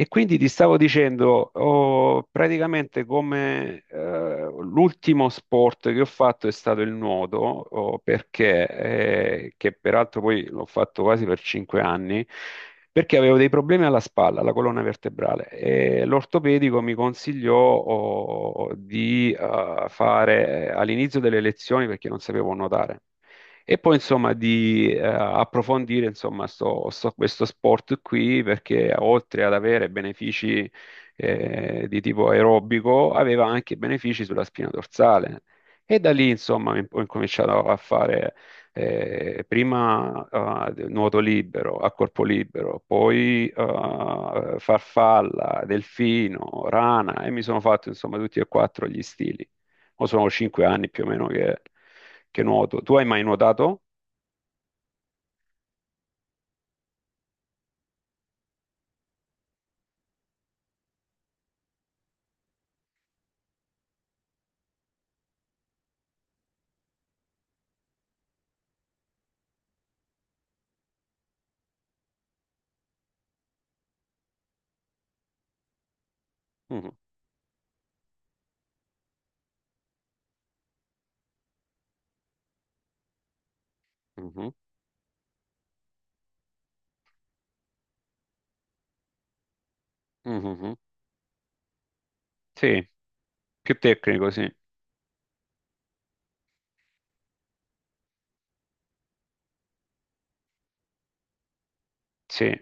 E quindi ti stavo dicendo, ho praticamente come l'ultimo sport che ho fatto è stato il nuoto, oh, perché, che peraltro poi l'ho fatto quasi per 5 anni, perché avevo dei problemi alla spalla, alla colonna vertebrale, e l'ortopedico mi consigliò oh, di fare all'inizio delle lezioni perché non sapevo nuotare. E poi insomma di approfondire insomma questo sport qui perché oltre ad avere benefici di tipo aerobico aveva anche benefici sulla spina dorsale. E da lì insomma ho incominciato a fare prima nuoto libero, a corpo libero, poi farfalla, delfino, rana e mi sono fatto insomma tutti e quattro gli stili. O sono 5 anni più o meno che nuoto. Tu hai mai nuotato? Mhm, mhm, mhm. Sì, più tecnico, sì. Sì,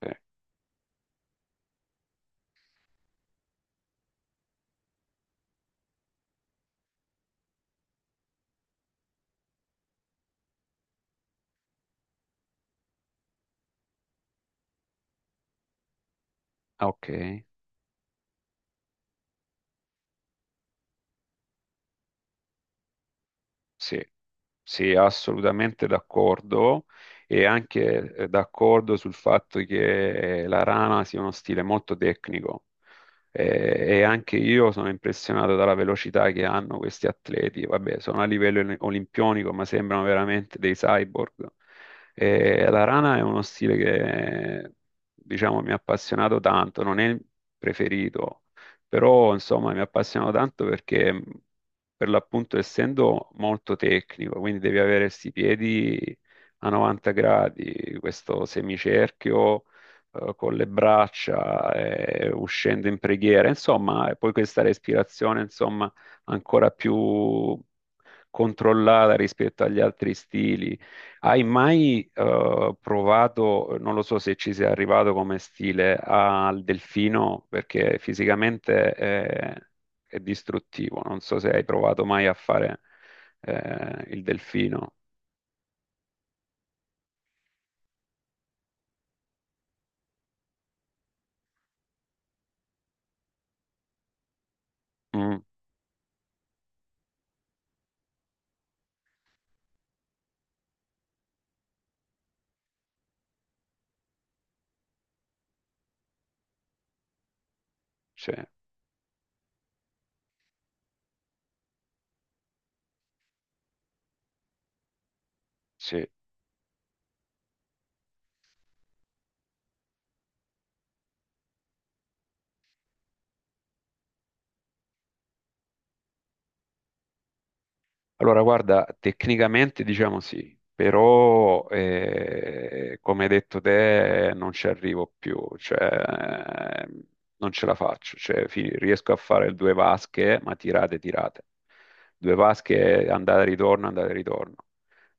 sì. Ah, ok, sì. Sì, assolutamente d'accordo e anche d'accordo sul fatto che la rana sia uno stile molto tecnico. Eh, e anche io sono impressionato dalla velocità che hanno questi atleti. Vabbè, sono a livello olimpionico, ma sembrano veramente dei cyborg. La rana è uno stile che, diciamo, mi ha appassionato tanto, non è il preferito, però insomma mi ha appassionato tanto perché per l'appunto essendo molto tecnico, quindi devi avere questi piedi a 90 gradi, questo semicerchio con le braccia, uscendo in preghiera, insomma, e poi questa respirazione, insomma, ancora più controllata rispetto agli altri stili. Hai mai provato, non lo so se ci sei arrivato come stile, al delfino, perché fisicamente è distruttivo. Non so se hai provato mai a fare il delfino. Mm, sì, sì. Allora, guarda, tecnicamente diciamo sì, però come hai detto te non ci arrivo più, cioè, non ce la faccio, cioè, riesco a fare due vasche, ma tirate, tirate. Due vasche, andata e ritorno, andata e ritorno.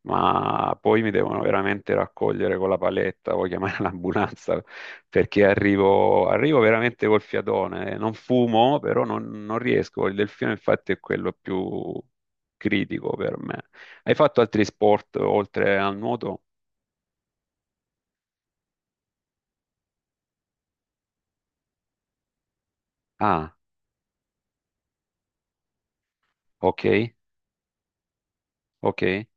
Ma poi mi devono veramente raccogliere con la paletta o chiamare l'ambulanza perché arrivo, arrivo veramente col fiatone. Non fumo, però non, non riesco. Il delfino, infatti, è quello più critico per me. Hai fatto altri sport oltre al nuoto? Ah, ok, ok,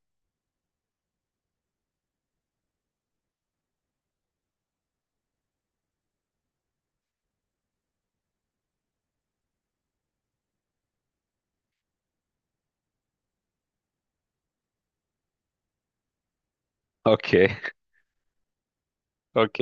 ok, ok,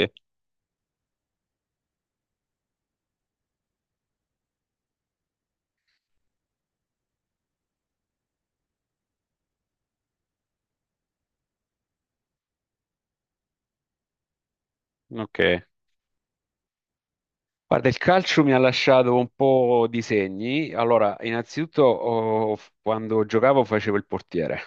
ok. Guarda, il calcio mi ha lasciato un po' di segni. Allora, innanzitutto, oh, quando giocavo facevo il portiere.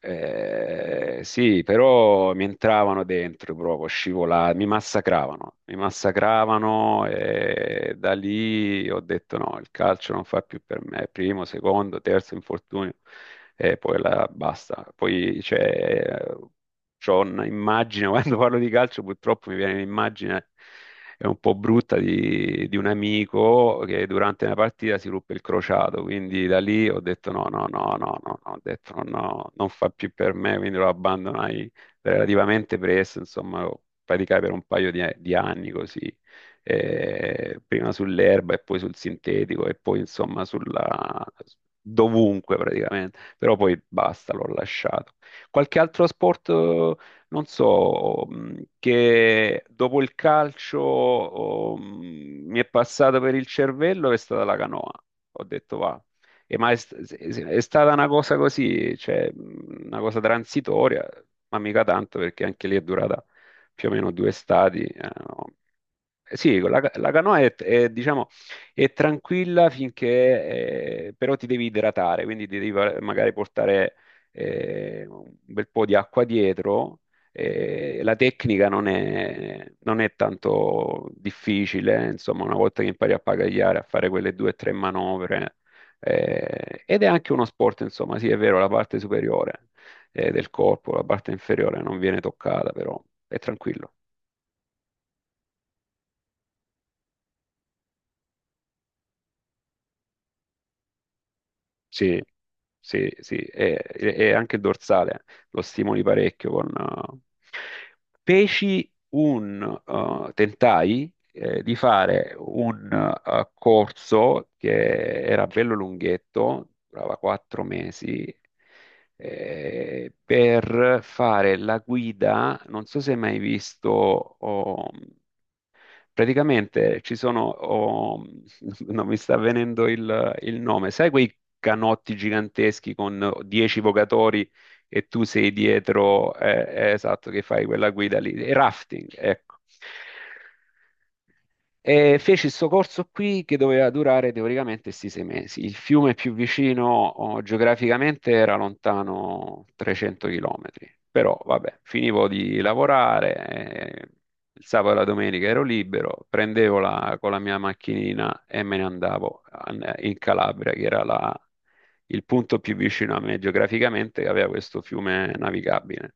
Sì, però mi entravano dentro proprio, scivolavano, mi massacravano e da lì ho detto no, il calcio non fa più per me, primo, secondo, terzo infortunio e poi la, basta. Poi c'è, c'ho un'immagine, quando parlo di calcio purtroppo mi viene un'immagine è un po' brutta di un amico che durante una partita si ruppe il crociato, quindi da lì ho detto no, no, no, no, no, no, ho detto no, no, non fa più per me, quindi lo abbandonai relativamente presto, insomma, lo praticai per un paio di anni così, prima sull'erba e poi sul sintetico e poi insomma sulla... dovunque praticamente, però poi basta, l'ho lasciato. Qualche altro sport non so, che dopo il calcio oh, mi è passata per il cervello è stata la canoa. Ho detto va. E ma è, è stata una cosa così, cioè una cosa transitoria, ma mica tanto perché anche lì è durata più o meno due estati. No. Sì, la, la canoa è, diciamo, è tranquilla finché, però ti devi idratare, quindi ti devi magari portare un bel po' di acqua dietro. La tecnica non è, non è tanto difficile, insomma, una volta che impari a pagagliare, a fare quelle due o tre manovre, ed è anche uno sport, insomma, sì, è vero, la parte superiore del corpo, la parte inferiore non viene toccata, però è tranquillo. Sì, sì, sì, e anche il dorsale lo stimoli parecchio con... Feci un... tentai di fare un corso che era bello lunghetto, durava 4 mesi, per fare la guida, non so se hai mai visto... oh, praticamente ci sono, oh, non mi sta venendo il nome, sai quei canotti giganteschi con 10 vogatori e tu sei dietro, esatto, che fai quella guida lì, e rafting, ecco. E feci questo corso qui che doveva durare teoricamente sti 6 mesi. Il fiume più vicino oh, geograficamente era lontano 300 km, però vabbè, finivo di lavorare, eh, il sabato e la domenica ero libero, prendevo con la mia macchinina e me ne andavo in Calabria, che era il punto più vicino a me geograficamente, che aveva questo fiume navigabile.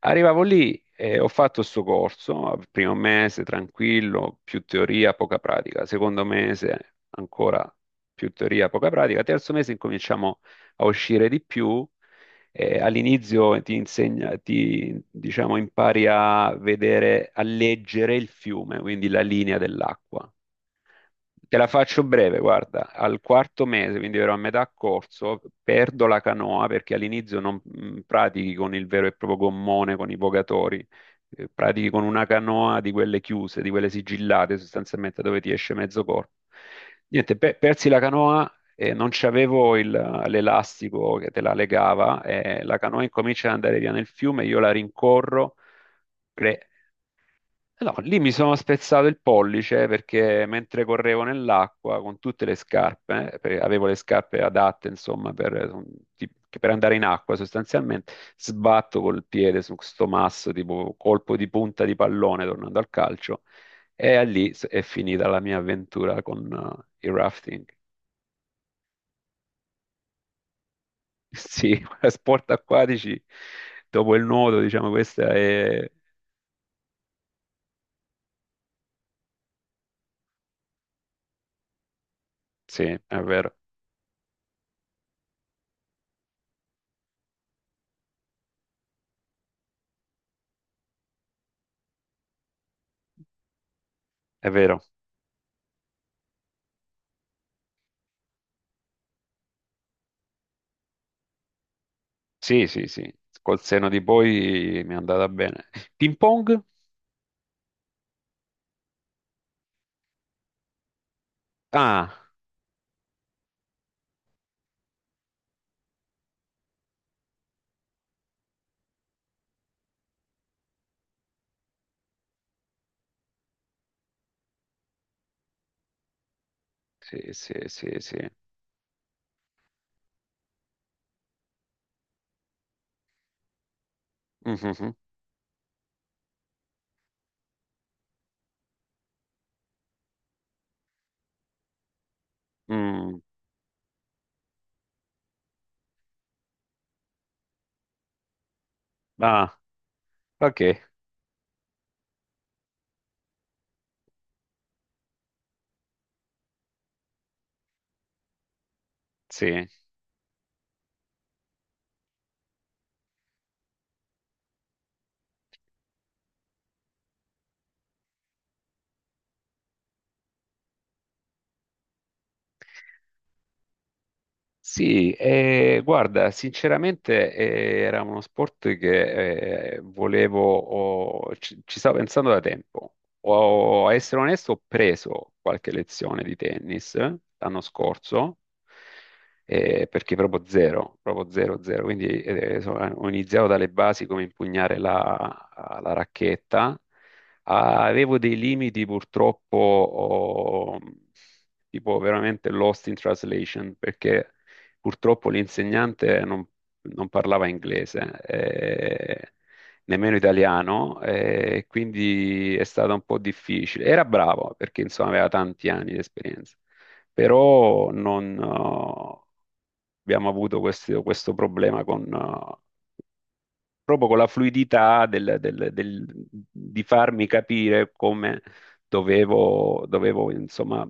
Arrivavo lì e ho fatto sto corso, primo mese tranquillo, più teoria, poca pratica, secondo mese ancora più teoria, poca pratica, terzo mese incominciamo a uscire di più, all'inizio ti insegna, ti, diciamo, impari a vedere, a leggere il fiume, quindi la linea dell'acqua. Te la faccio breve, guarda, al quarto mese, quindi ero a metà corso, perdo la canoa perché all'inizio non pratichi con il vero e proprio gommone, con i vogatori, pratichi con una canoa di quelle chiuse, di quelle sigillate sostanzialmente dove ti esce mezzo corpo. Niente, persi la canoa e non c'avevo l'elastico che te la legava e la canoa incomincia ad andare via nel fiume, io la rincorro. Re- No, lì mi sono spezzato il pollice perché mentre correvo nell'acqua con tutte le scarpe, perché avevo le scarpe adatte, insomma, per, che per andare in acqua sostanzialmente, sbatto col piede su sto masso, tipo colpo di punta di pallone tornando al calcio, e a lì è finita la mia avventura con il rafting. Sì, sport acquatici, dopo il nuoto, diciamo, questa è... Sì, è vero, è vero. Sì, sì, sì, col seno di poi mi è andata bene. Ping pong? Ah, sì, sì, sì, sì. Mhm, mhm. Mm. Ah, ok, sì. Sì, guarda, sinceramente era uno sport che volevo, ci, ci stavo pensando da tempo. Ho, a essere onesto, ho preso qualche lezione di tennis l'anno scorso, perché proprio zero, zero. Quindi ho iniziato dalle basi come impugnare la, la racchetta. Ah, avevo dei limiti purtroppo, oh, tipo veramente lost in translation, perché purtroppo l'insegnante non, non parlava inglese, eh, nemmeno italiano, e quindi è stato un po' difficile. Era bravo perché insomma aveva tanti anni di esperienza, però non, abbiamo avuto questo, questo problema con, proprio con la fluidità di farmi capire come dovevo, dovevo, insomma,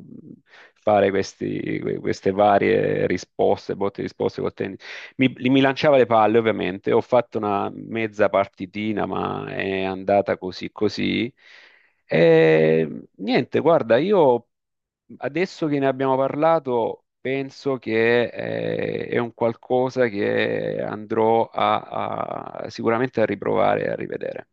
fare queste varie risposte, botte e risposte col tennis. Mi, mi lanciava le palle, ovviamente. Ho fatto una mezza partitina, ma è andata così così. E niente, guarda, io adesso che ne abbiamo parlato, penso che è un qualcosa che andrò a, sicuramente a riprovare e a rivedere.